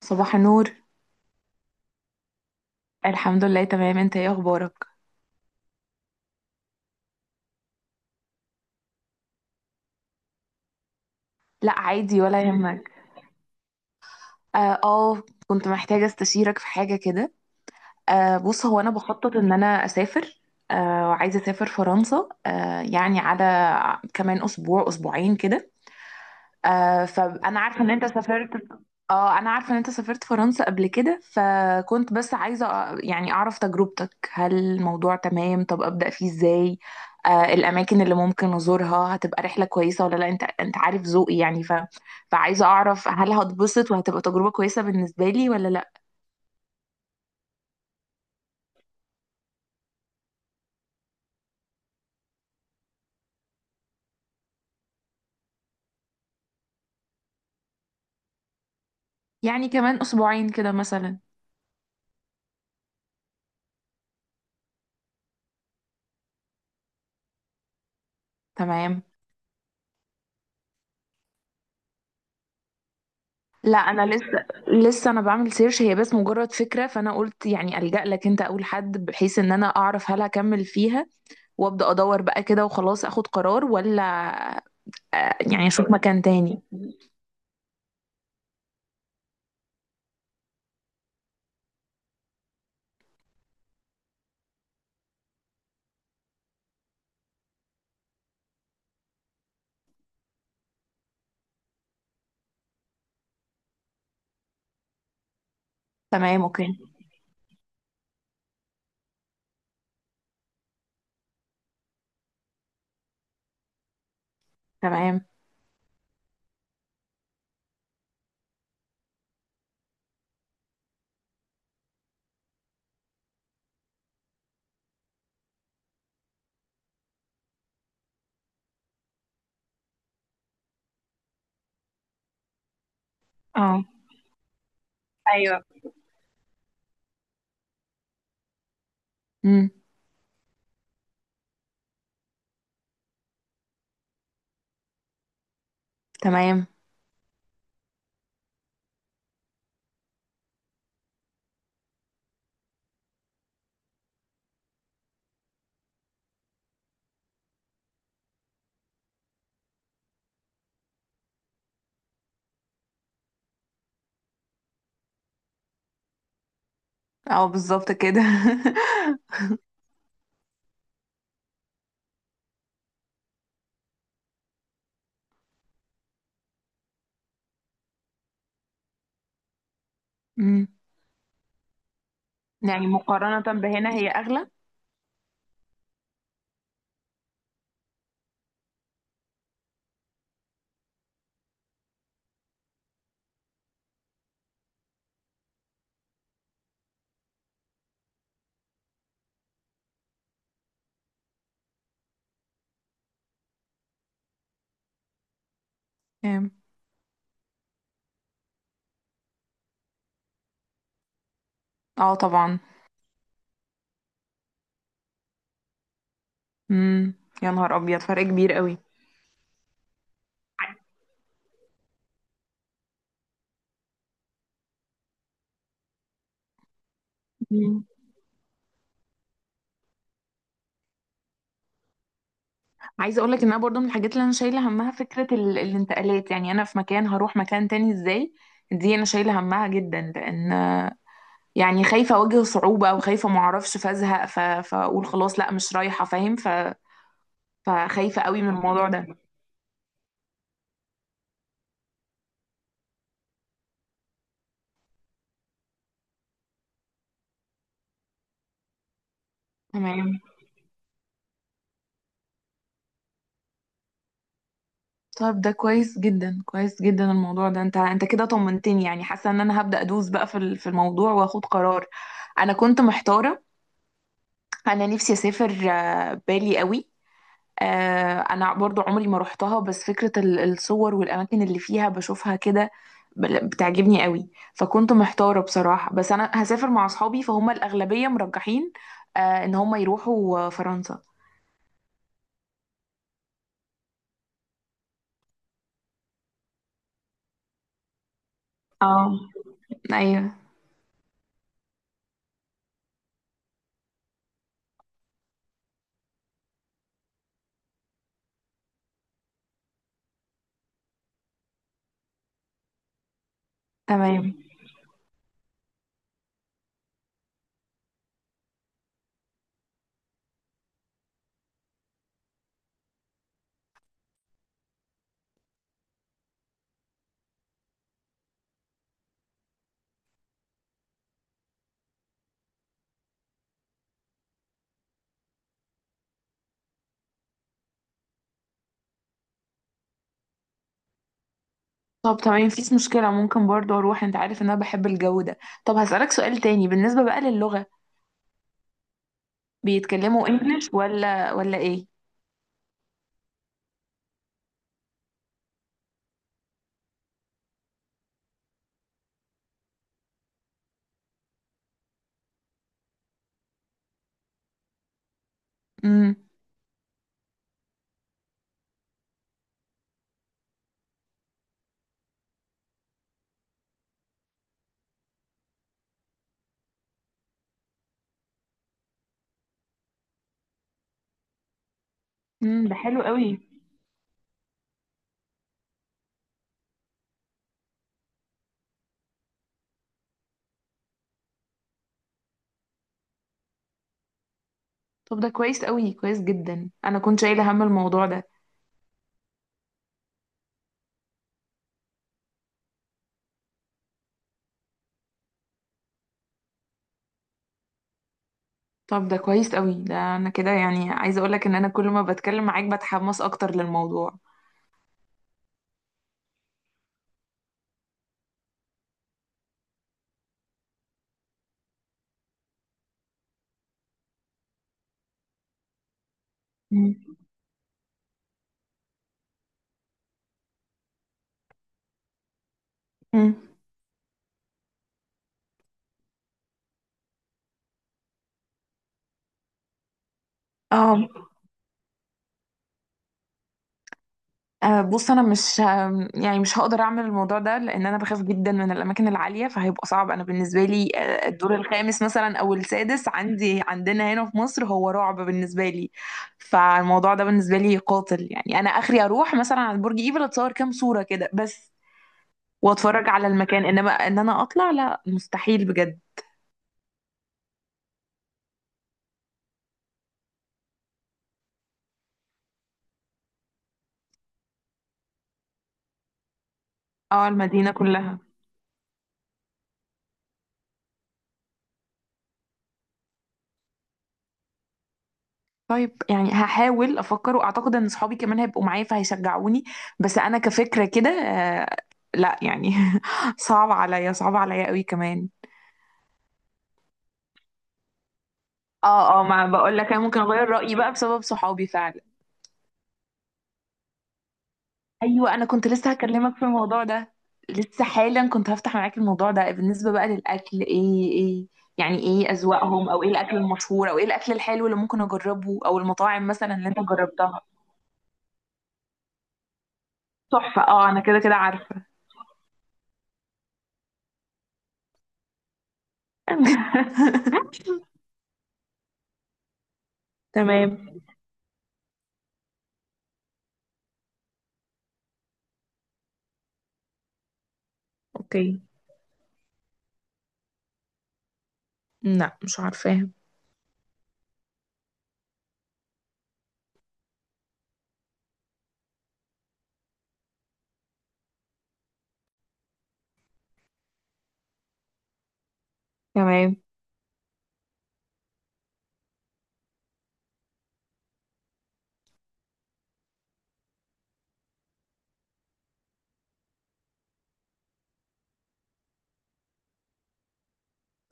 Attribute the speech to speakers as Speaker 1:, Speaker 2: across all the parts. Speaker 1: صباح النور. الحمد لله، تمام. انت ايه اخبارك؟ لا، عادي، ولا يهمك. اه، اه، كنت محتاجة استشيرك في حاجة كده. بص، هو انا بخطط ان انا اسافر. وعايزة اسافر فرنسا، يعني على كمان اسبوع اسبوعين كده. فانا عارفه ان انت سافرت. اه انا عارفه ان انت سافرت فرنسا قبل كده، فكنت بس عايزه يعني اعرف تجربتك. هل الموضوع تمام؟ طب ابدا فيه ازاي؟ الاماكن اللي ممكن ازورها هتبقى رحله كويسه ولا لا؟ انت عارف ذوقي يعني فعايزه اعرف هل هتبسط وهتبقى تجربه كويسه بالنسبه لي ولا لا. يعني كمان اسبوعين كده مثلا. تمام. لا، انا لسه انا بعمل سيرش. هي بس مجرد فكره، فانا قلت يعني الجا لك انت اول حد بحيث ان انا اعرف هل هكمل فيها وابدا ادور بقى كده وخلاص اخد قرار، ولا يعني اشوف مكان تاني. تمام، اوكي. تمام. اه، ايوه، امم، تمام. اه، بالظبط كده. امم. يعني مقارنة بهنا هي اغلى. كام؟ اه، طبعا. امم. يا نهار ابيض، فرق كبير قوي. مم. عايزه اقول لك ان انا برضو من الحاجات اللي انا شايله همها فكره الانتقالات، يعني انا في مكان هروح مكان تاني ازاي. دي انا شايله همها جدا، لان يعني خايفة أواجه صعوبة، وخايفة معرفش فازهق، فأقول خلاص لأ مش رايحة، فاهم؟ فخايفة قوي من الموضوع ده. تمام. طيب، ده كويس جدا، كويس جدا الموضوع ده، انت كده طمنتني. يعني حاسة ان انا هبدأ ادوس بقى في الموضوع واخد قرار. انا كنت محتارة. انا نفسي اسافر، بالي قوي. آه، انا برضو عمري ما روحتها، بس فكرة الصور والاماكن اللي فيها بشوفها كده بتعجبني قوي. فكنت محتارة بصراحة، بس انا هسافر مع اصحابي، فهم الاغلبية مرجحين ان هم يروحوا فرنسا. اه، ايوه. تمام. طب تمام، مفيش مشكلة، ممكن برضو اروح، انت عارف ان انا بحب الجو ده. طب هسألك سؤال تاني بالنسبة بقى للغة. بيتكلموا انجلش ولا ايه؟ امم. امم، ده حلو قوي. طب ده كويس قوي، كويس جدا، انا كنت شايلة هم الموضوع ده. طب ده كويس قوي، ده انا كده يعني عايزه اقول لك ان انا كل ما بتكلم معاك بتحمس اكتر للموضوع. مم. مم. اه. بص، انا مش يعني مش هقدر اعمل الموضوع ده، لان انا بخاف جدا من الاماكن العاليه، فهيبقى صعب انا بالنسبه لي الدور الخامس مثلا او السادس عندنا هنا في مصر هو رعب بالنسبه لي. فالموضوع ده بالنسبه لي قاتل، يعني انا اخري اروح مثلا على برج ايفل، اتصور كام صوره كده بس واتفرج على المكان، انما ان انا اطلع لا مستحيل بجد. اه المدينه كلها. طيب يعني هحاول افكر، واعتقد ان صحابي كمان هيبقوا معايا فهيشجعوني. بس انا كفكرة كده، لا يعني صعب عليا، صعب عليا قوي كمان. اه، اه، ما بقول لك انا ممكن اغير رأيي بقى بسبب صحابي فعلا. ايوه، انا كنت لسه هكلمك في الموضوع ده. لسه حالا كنت هفتح معاك الموضوع ده بالنسبة بقى للاكل. ايه، ايه؟ يعني ايه اذواقهم، او ايه الاكل المشهور، او ايه الاكل الحلو اللي ممكن اجربه، او المطاعم مثلا اللي انت جربتها؟ تحفة، اه، انا كده كده عارفة. تمام، اوكي. لا، مش عارفاها. تمام.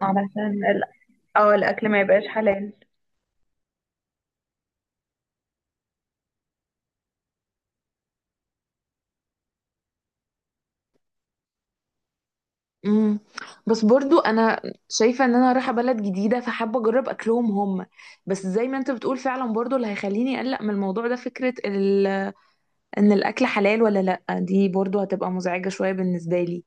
Speaker 1: علشان اه الاكل ما يبقاش حلال. امم. بس برضو انا شايفه ان انا رايحه بلد جديده، فحابه اجرب اكلهم هم. بس زي ما انت بتقول، فعلا برضو اللي هيخليني اقلق من الموضوع ده فكره ان الاكل حلال ولا لا، دي برضو هتبقى مزعجه شويه بالنسبه لي.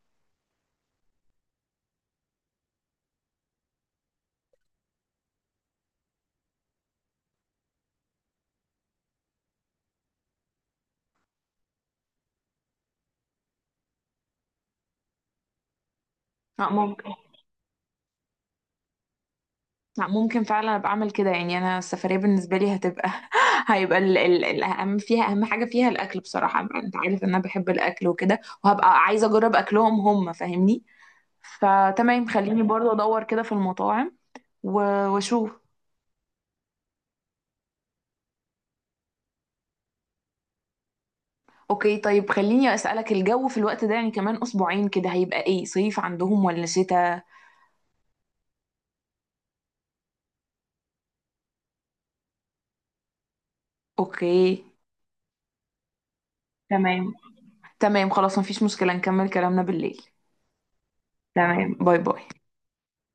Speaker 1: ممكن. لا، ممكن فعلا ابقى اعمل كده، يعني انا السفريه بالنسبه لي هتبقى هيبقى ال الاهم فيها، اهم حاجه فيها الاكل بصراحه. انت عارف ان انا بحب الاكل وكده، وهبقى عايزه اجرب اكلهم هم، فاهمني؟ فتمام، خليني برضه ادور كده في المطاعم واشوف. اوكي، طيب، خليني اسالك، الجو في الوقت ده يعني كمان اسبوعين كده هيبقى ايه؟ صيف عندهم ولا شتاء؟ اوكي. تمام. تمام، خلاص، مفيش مشكله، نكمل كلامنا بالليل. تمام، باي باي.